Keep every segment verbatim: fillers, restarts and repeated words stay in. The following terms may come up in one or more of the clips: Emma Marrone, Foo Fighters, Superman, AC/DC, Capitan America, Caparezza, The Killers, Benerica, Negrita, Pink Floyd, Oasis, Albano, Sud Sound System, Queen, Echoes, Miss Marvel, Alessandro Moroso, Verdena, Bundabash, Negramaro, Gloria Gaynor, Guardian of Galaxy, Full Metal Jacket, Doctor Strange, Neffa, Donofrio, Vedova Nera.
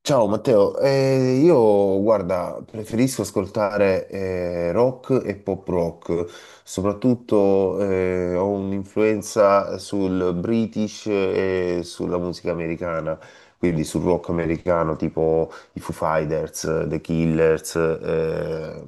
Ciao Matteo, eh, io guarda, preferisco ascoltare eh, rock e pop rock, soprattutto eh, ho un'influenza sul British e sulla musica americana, quindi sul rock americano tipo i Foo Fighters, The Killers, eh,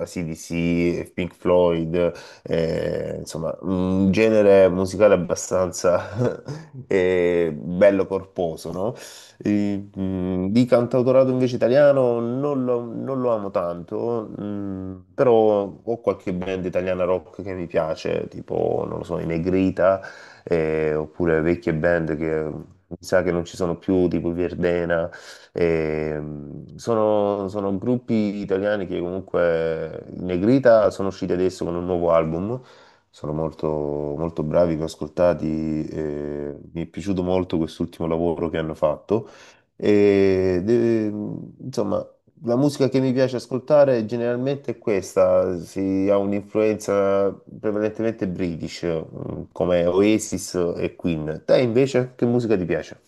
A C/D C, Pink Floyd, eh, insomma un genere musicale abbastanza eh, bello corposo, no? E, mm, di cantautorato invece italiano non lo, non lo amo tanto, mm, però ho qualche band italiana rock che mi piace, tipo, non lo so, i Negrita, eh, oppure vecchie band che... Mi sa che non ci sono più, tipo i Verdena, e, mm, sono, sono gruppi italiani che comunque i Negrita sono usciti adesso con un nuovo album, sono molto, molto bravi, li ho ascoltati, e mi è piaciuto molto quest'ultimo lavoro che hanno fatto. E, de- insomma, la musica che mi piace ascoltare generalmente è questa, si ha un'influenza prevalentemente british, mm, come Oasis e Queen. Te invece, che musica ti piace?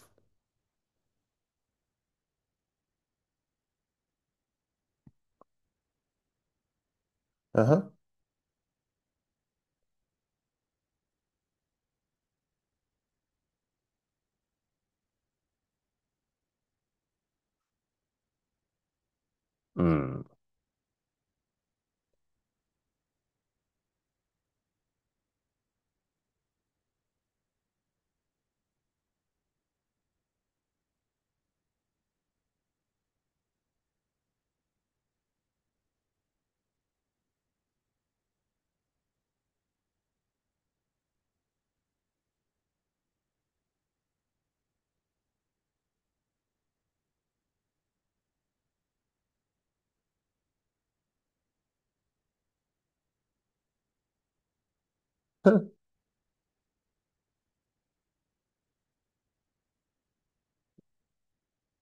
Ah, mm.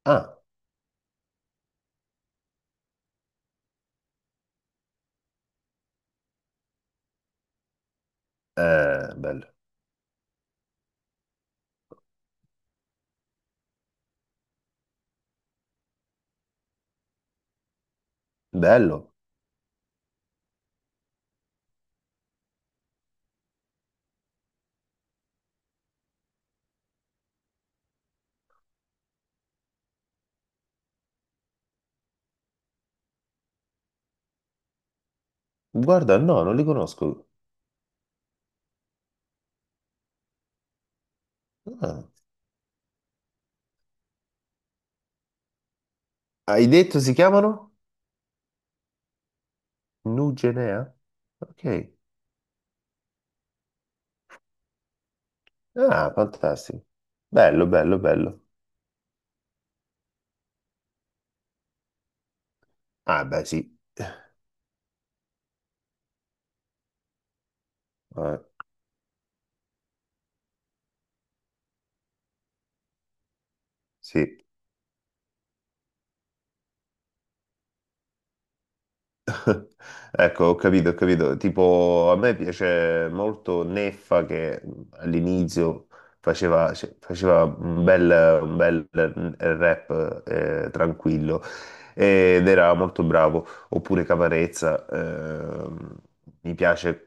Ah, eh, bello. Bello. Guarda, no, non li conosco. Ah. Hai detto si chiamano? Nugenea? Ok. Ah, fantastico. Bello, bello, bello. Ah, beh, sì. Eh, sì. Ecco, ho capito, ho capito. Tipo, a me piace molto Neffa che all'inizio faceva, cioè, faceva un bel, un bel rap eh, tranquillo ed era molto bravo. Oppure Caparezza, ehm, mi piace.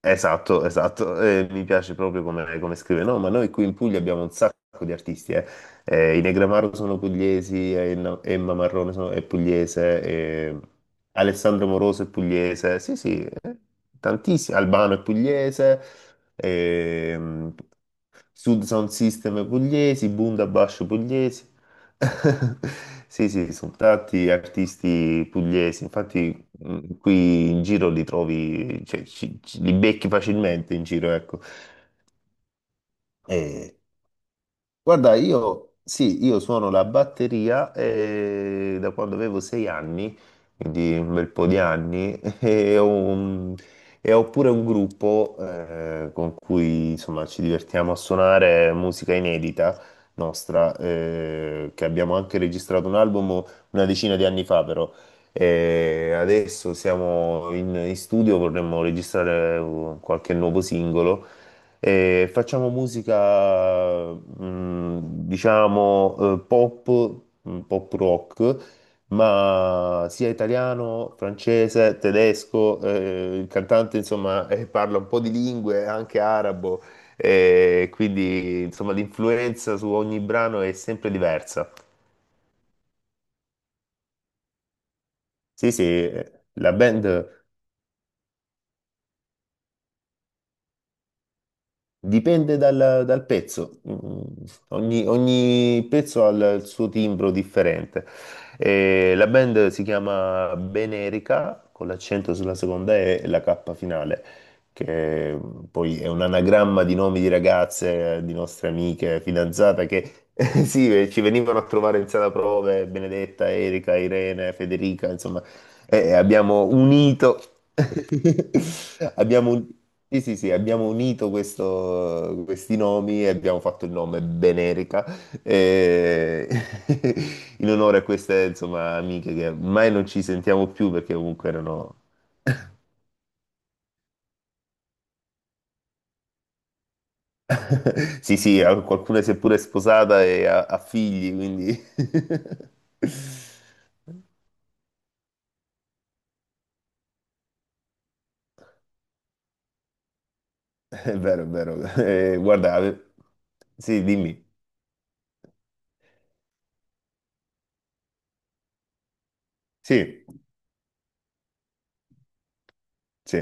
Esatto, esatto, eh, mi piace proprio come, come scrive. No, ma noi qui in Puglia abbiamo un sacco di artisti, eh. Eh, i Negramaro sono pugliesi, eh, no- Emma Marrone sono- è pugliese, eh, Alessandro Moroso è pugliese, sì sì, eh, tantissimi, Albano è pugliese, ehm, Sud Sound System è pugliesi, Bundabash pugliesi. Sì, sì, sono tanti artisti pugliesi, infatti. Mm, qui in giro li trovi, cioè, ci- ci- li becchi facilmente in giro, ecco. E guarda, io sì, io suono la batteria eh, da quando avevo sei anni, quindi un bel po' di anni, e ho, un- e ho pure un gruppo eh, con cui insomma ci divertiamo a suonare musica inedita nostra, eh, che abbiamo anche registrato un album una decina di anni fa, però. E adesso siamo in in studio, vorremmo registrare eh, qualche nuovo singolo. E facciamo musica, mh, diciamo, eh, pop, mh, pop rock, ma sia italiano, francese, tedesco, eh, il cantante, insomma, eh, parla un po' di lingue, anche arabo, eh, quindi, insomma, l'influenza su ogni brano è sempre diversa. Sì, sì, eh, la band... Dipende dal, dal pezzo. Mm, ogni, ogni pezzo ha il il suo timbro differente. E la band si chiama Benerica, con l'accento sulla seconda E e la K finale, che mm, poi è un anagramma di nomi di ragazze, di nostre amiche, fidanzate, che sì, eh, ci venivano a trovare in sala prove, Benedetta, Erika, Irene, Federica, insomma eh, eh, abbiamo unito, abbiamo, un- sì, sì, sì, abbiamo unito questo- questi nomi e abbiamo fatto il nome Benerica eh, in onore a queste, insomma, amiche che ormai non ci sentiamo più perché comunque erano... Sì, sì, a- qualcuna si è pure sposata e ha, ha figli, quindi... È vero, è vero. Eh, guarda, ave- sì, dimmi. Sì, sì,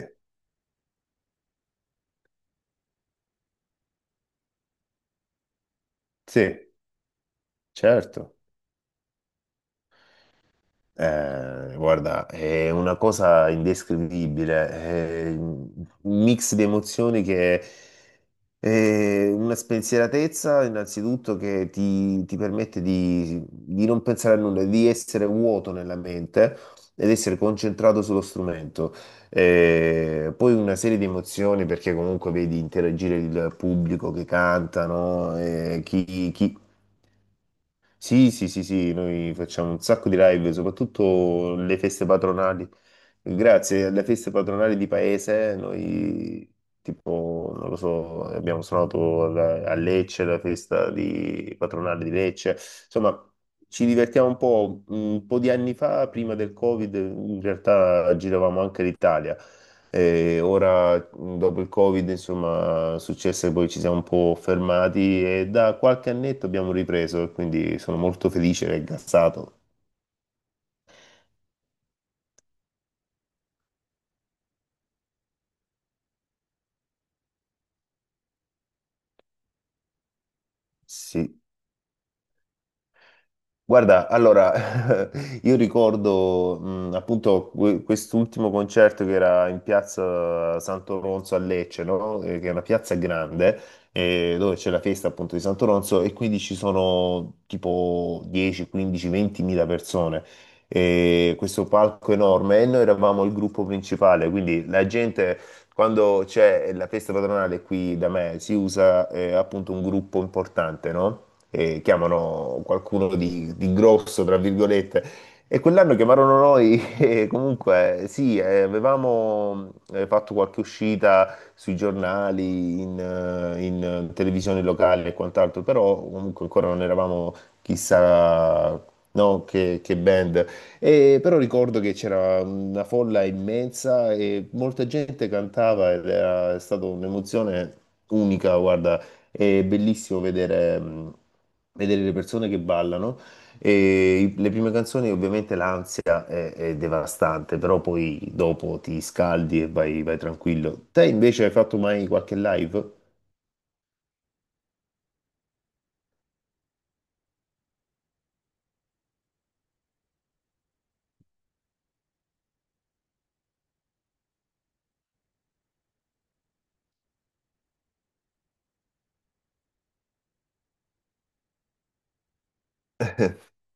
sì, certo. Eh, guarda, è una cosa indescrivibile, è un mix di emozioni che è una spensieratezza innanzitutto che ti, ti permette di, di non pensare a nulla, di essere vuoto nella mente ed essere concentrato sullo strumento. Eh, poi una serie di emozioni perché comunque vedi interagire il pubblico che cantano, eh, chi, chi sì, sì, sì, sì, noi facciamo un sacco di live, soprattutto le feste patronali. Grazie alle feste patronali di paese, noi tipo, non lo so, abbiamo suonato alla- a Lecce, la festa di- patronale di Lecce. Insomma, ci divertiamo un po'. Un po' di anni fa, prima del Covid, in realtà giravamo anche l'Italia. E ora, dopo il Covid, insomma, è successo che poi ci siamo un po' fermati e da qualche annetto abbiamo ripreso, e quindi sono molto felice e gassato. Sì. Guarda, allora, io ricordo mh, appunto que- quest'ultimo concerto che era in piazza Santo Ronzo a Lecce, no? Eh, Che è una piazza grande eh, dove c'è la festa appunto di Santo Ronzo e quindi ci sono tipo dieci, quindici, 20 mila persone. E questo palco enorme e noi eravamo il gruppo principale, quindi la gente quando c'è la festa patronale qui da me si usa eh, appunto un gruppo importante, no? Eh, chiamano qualcuno di, di grosso, tra virgolette. E quell'anno chiamarono noi e comunque sì, eh, avevamo eh, fatto qualche uscita sui giornali, in, eh, in televisione locale e quant'altro, però comunque ancora non eravamo chissà no, che, che band. E però ricordo che c'era una folla immensa e molta gente cantava ed era stata un'emozione unica, guarda, è bellissimo vedere, mh, vedere le persone che ballano. E i- le prime canzoni, ovviamente, l'ansia è, è devastante, però poi dopo ti scaldi e vai, vai tranquillo. Te invece hai fatto mai qualche live?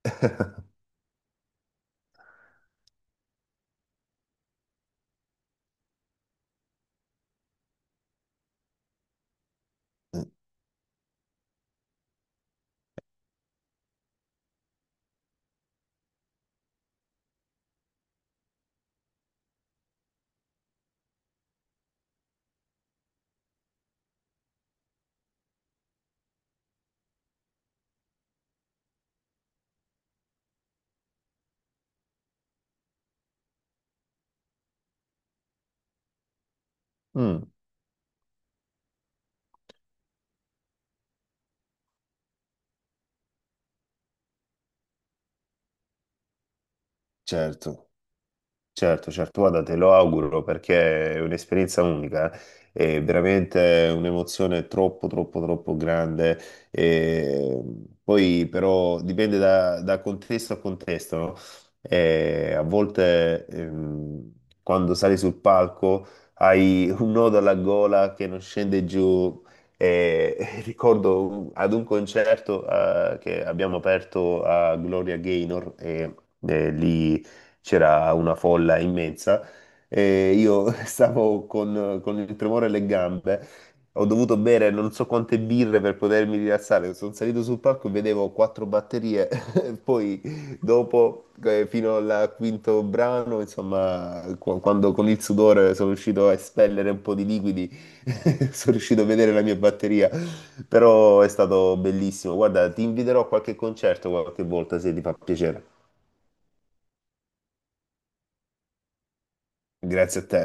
Mm, certo. Certo, certo, guarda, te lo auguro perché è un'esperienza unica, eh. È veramente un'emozione troppo, troppo, troppo grande. E poi però dipende da, da contesto a contesto, no? E a volte ehm, quando sali sul palco hai un nodo alla gola che non scende giù. E, e ricordo un- ad un concerto eh, che abbiamo aperto a Gloria Gaynor e, e lì c'era una folla immensa e io stavo con, con il tremore alle gambe. Ho dovuto bere non so quante birre per potermi rilassare. Sono salito sul palco e vedevo quattro batterie. Poi, dopo, eh, fino al quinto brano, insomma, qu- quando con il sudore sono riuscito a espellere un po' di liquidi, sono riuscito a vedere la mia batteria. Però è stato bellissimo. Guarda, ti inviterò a qualche concerto qualche volta se ti fa piacere. Grazie a te.